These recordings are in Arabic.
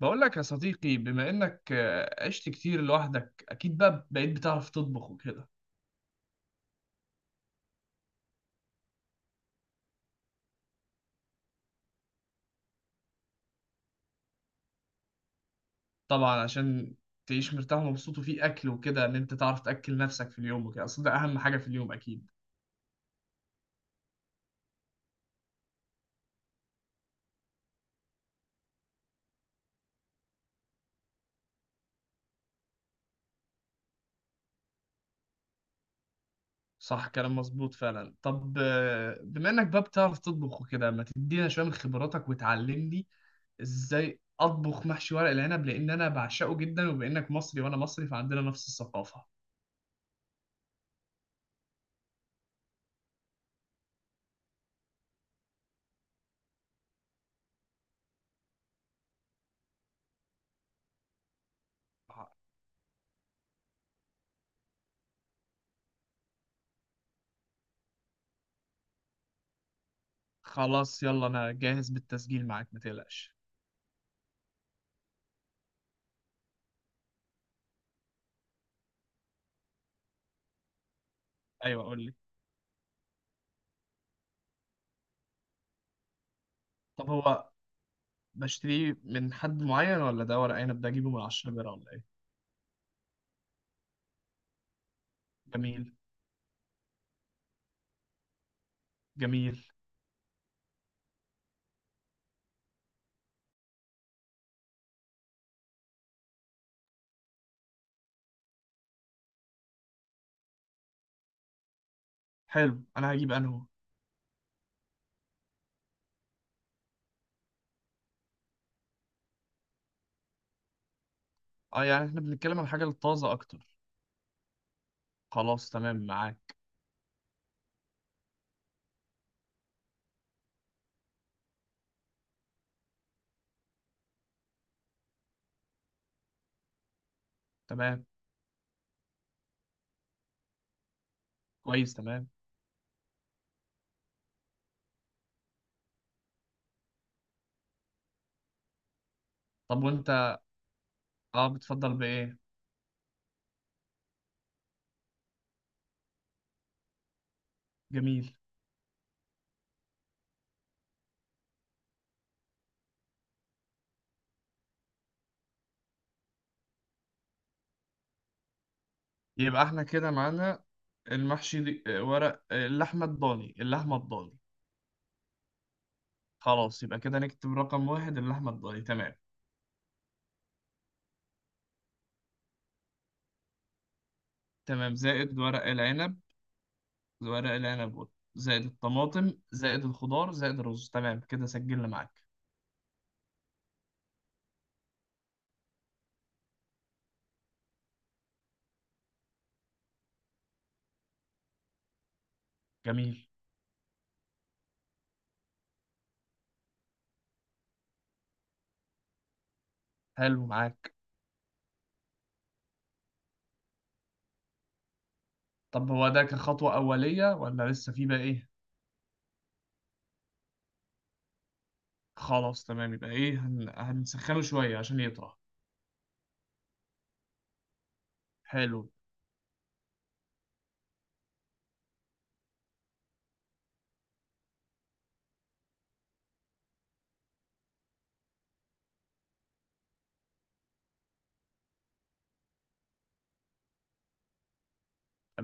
بقول لك يا صديقي بما انك عشت كتير لوحدك اكيد بقى بقيت بتعرف تطبخ وكده. طبعا عشان تعيش مرتاح ومبسوط وفي اكل وكده ان انت تعرف تاكل نفسك في اليوم وكده، اصل ده اهم حاجه في اليوم اكيد. صح، كلام مظبوط فعلا. طب بما انك بقى بتعرف تطبخ وكده، ما تدينا شويه من خبراتك وتعلمني ازاي اطبخ محشي ورق العنب، لان انا بعشقه جدا، وبانك مصري وانا مصري فعندنا نفس الثقافه. خلاص يلا انا جاهز بالتسجيل معاك، ما تقلقش. ايوه قول لي. طب هو بشتريه من حد معين، ولا ده ورق عنب ده اجيبه من 10 جرة، ولا ايه؟ جميل جميل. حلو انا هجيب انهو. اه يعني احنا بنتكلم عن الحاجة الطازة اكتر. خلاص تمام معاك. تمام. كويس تمام. طب وانت اه بتفضل بايه؟ جميل. يبقى احنا كده معانا المحشي دي، ورق، اللحمة الضاني، اللحمة الضاني. خلاص يبقى كده نكتب رقم واحد اللحمة الضاني، تمام. تمام، زائد ورق العنب، ورق العنب، زائد الطماطم، زائد الخضار، زائد الرز، تمام كده سجلنا معاك. جميل. حلو معاك. طب هو ده كخطوة أولية، ولا لسه في بقى إيه؟ خلاص تمام. يبقى إيه هنسخنه شوية عشان يطرى. حلو.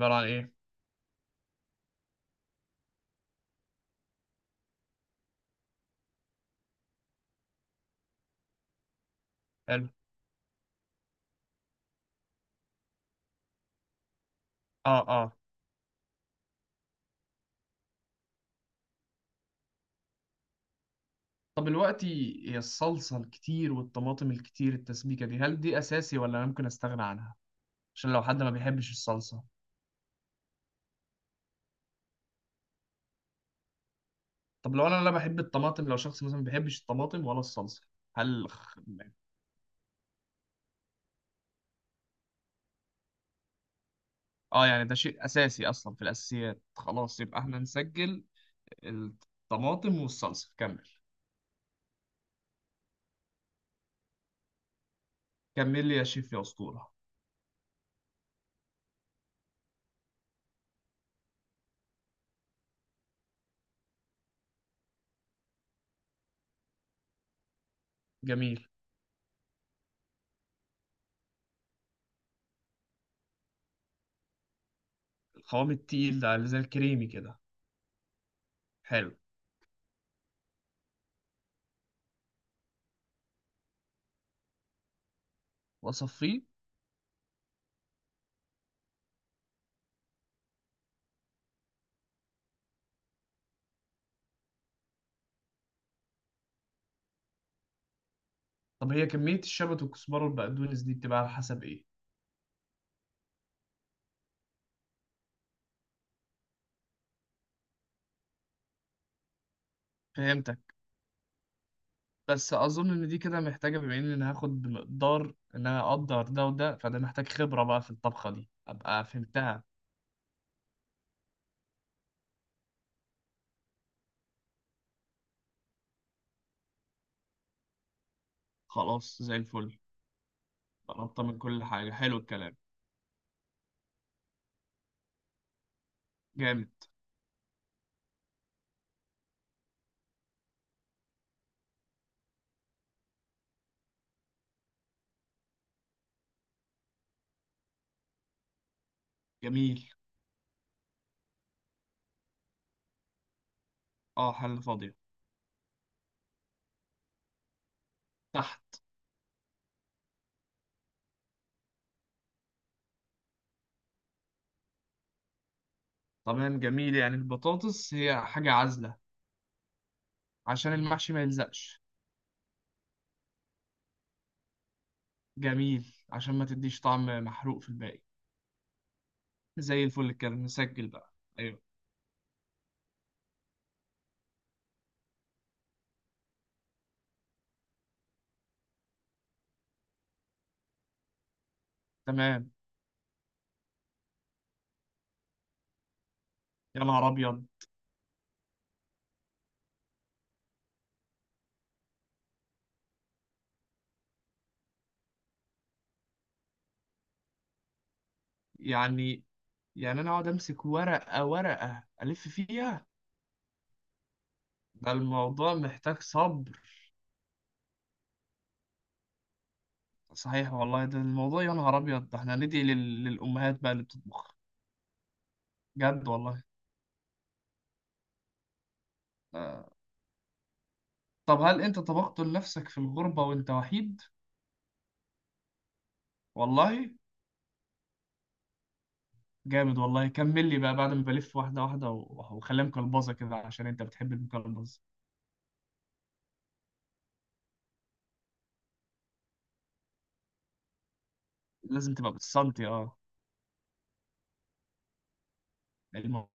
عبارة عن إيه؟ حلو. آه آه. طب دلوقتي هي الصلصة الكتير والطماطم الكتير التسبيكة دي، هل دي أساسي ولا أنا ممكن أستغنى عنها؟ عشان لو حد ما بيحبش الصلصة. طب لو أنا لا بحب الطماطم، لو شخص مثلا ما بيحبش الطماطم ولا الصلصة، هل؟ آه، يعني ده شيء أساسي أصلا في الأساسيات. خلاص يبقى إحنا نسجل الطماطم والصلصة، كمل. كمل لي يا شيف يا أسطورة. جميل. القوام التقيل ده اللي زي الكريمي كده. حلو. وأصفيه. طب هي كمية الشبت والكزبرة والبقدونس دي بتبقى على حسب إيه؟ فهمتك. بس أظن إن دي كده محتاجة، بما إن أنا هاخد بمقدار إن أنا أقدر ده وده، فده محتاج خبرة بقى في الطبخة دي أبقى فهمتها. خلاص زي الفل. قربت من كل حاجة، حلو الكلام. جامد. جميل. أه، حل فاضية. تحت. تمام جميل، يعني البطاطس هي حاجة عازلة عشان المحشي ما يلزقش. جميل، عشان ما تديش طعم محروق في الباقي. زي الفل، كده نسجل بقى. ايوه. تمام. يا نهار ابيض. يعني يعني انا اقعد امسك ورقه ورقه الف فيها؟ ده الموضوع محتاج صبر. صحيح والله، ده الموضوع يا نهار ابيض، ده احنا ندعي للامهات بقى اللي بتطبخ. جد والله. آه. طب هل انت طبخت لنفسك في الغربه وانت وحيد؟ والله. جامد والله، كمل لي بقى بعد ما بلف واحده واحده وخليها مقلبظه كده عشان انت بتحب المقلبظ. لازم تبقى بالسنتي اه. المهم.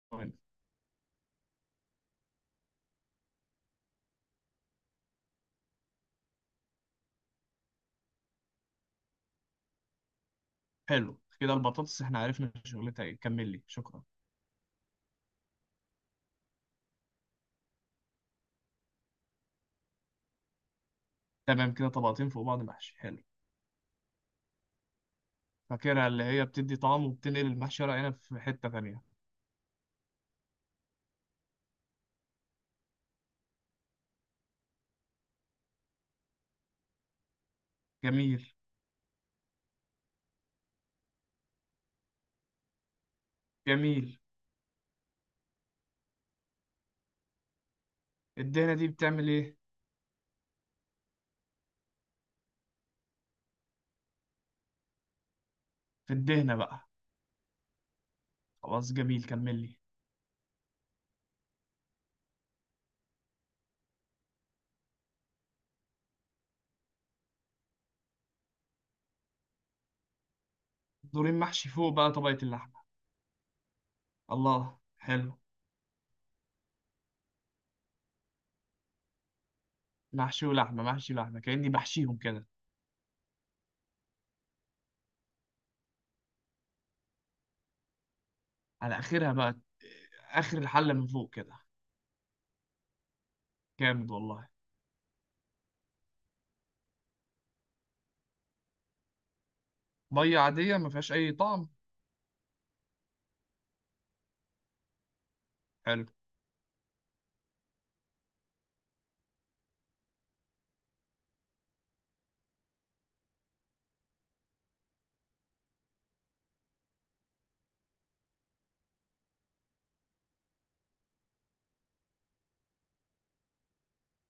حلو كده، البطاطس احنا عرفنا شغلتها ايه، كمل لي، شكرا. تمام كده طبقتين فوق بعض محشي، حلو. فاكرها اللي هي بتدي طعم وبتنقل المحشي ورق عنب في حتة تانية. جميل جميل. الدهنة دي بتعمل ايه؟ في الدهنة بقى. خلاص جميل، كمل لي. دورين محشي فوق بقى طبقة اللحمة. الله، حلو. محشي ولحمة، محشي ولحمة، كأني بحشيهم كده. على آخرها بقى، آخر الحلة من فوق كده. جامد والله. مية عادية ما فيهاش أي طعم. حلو.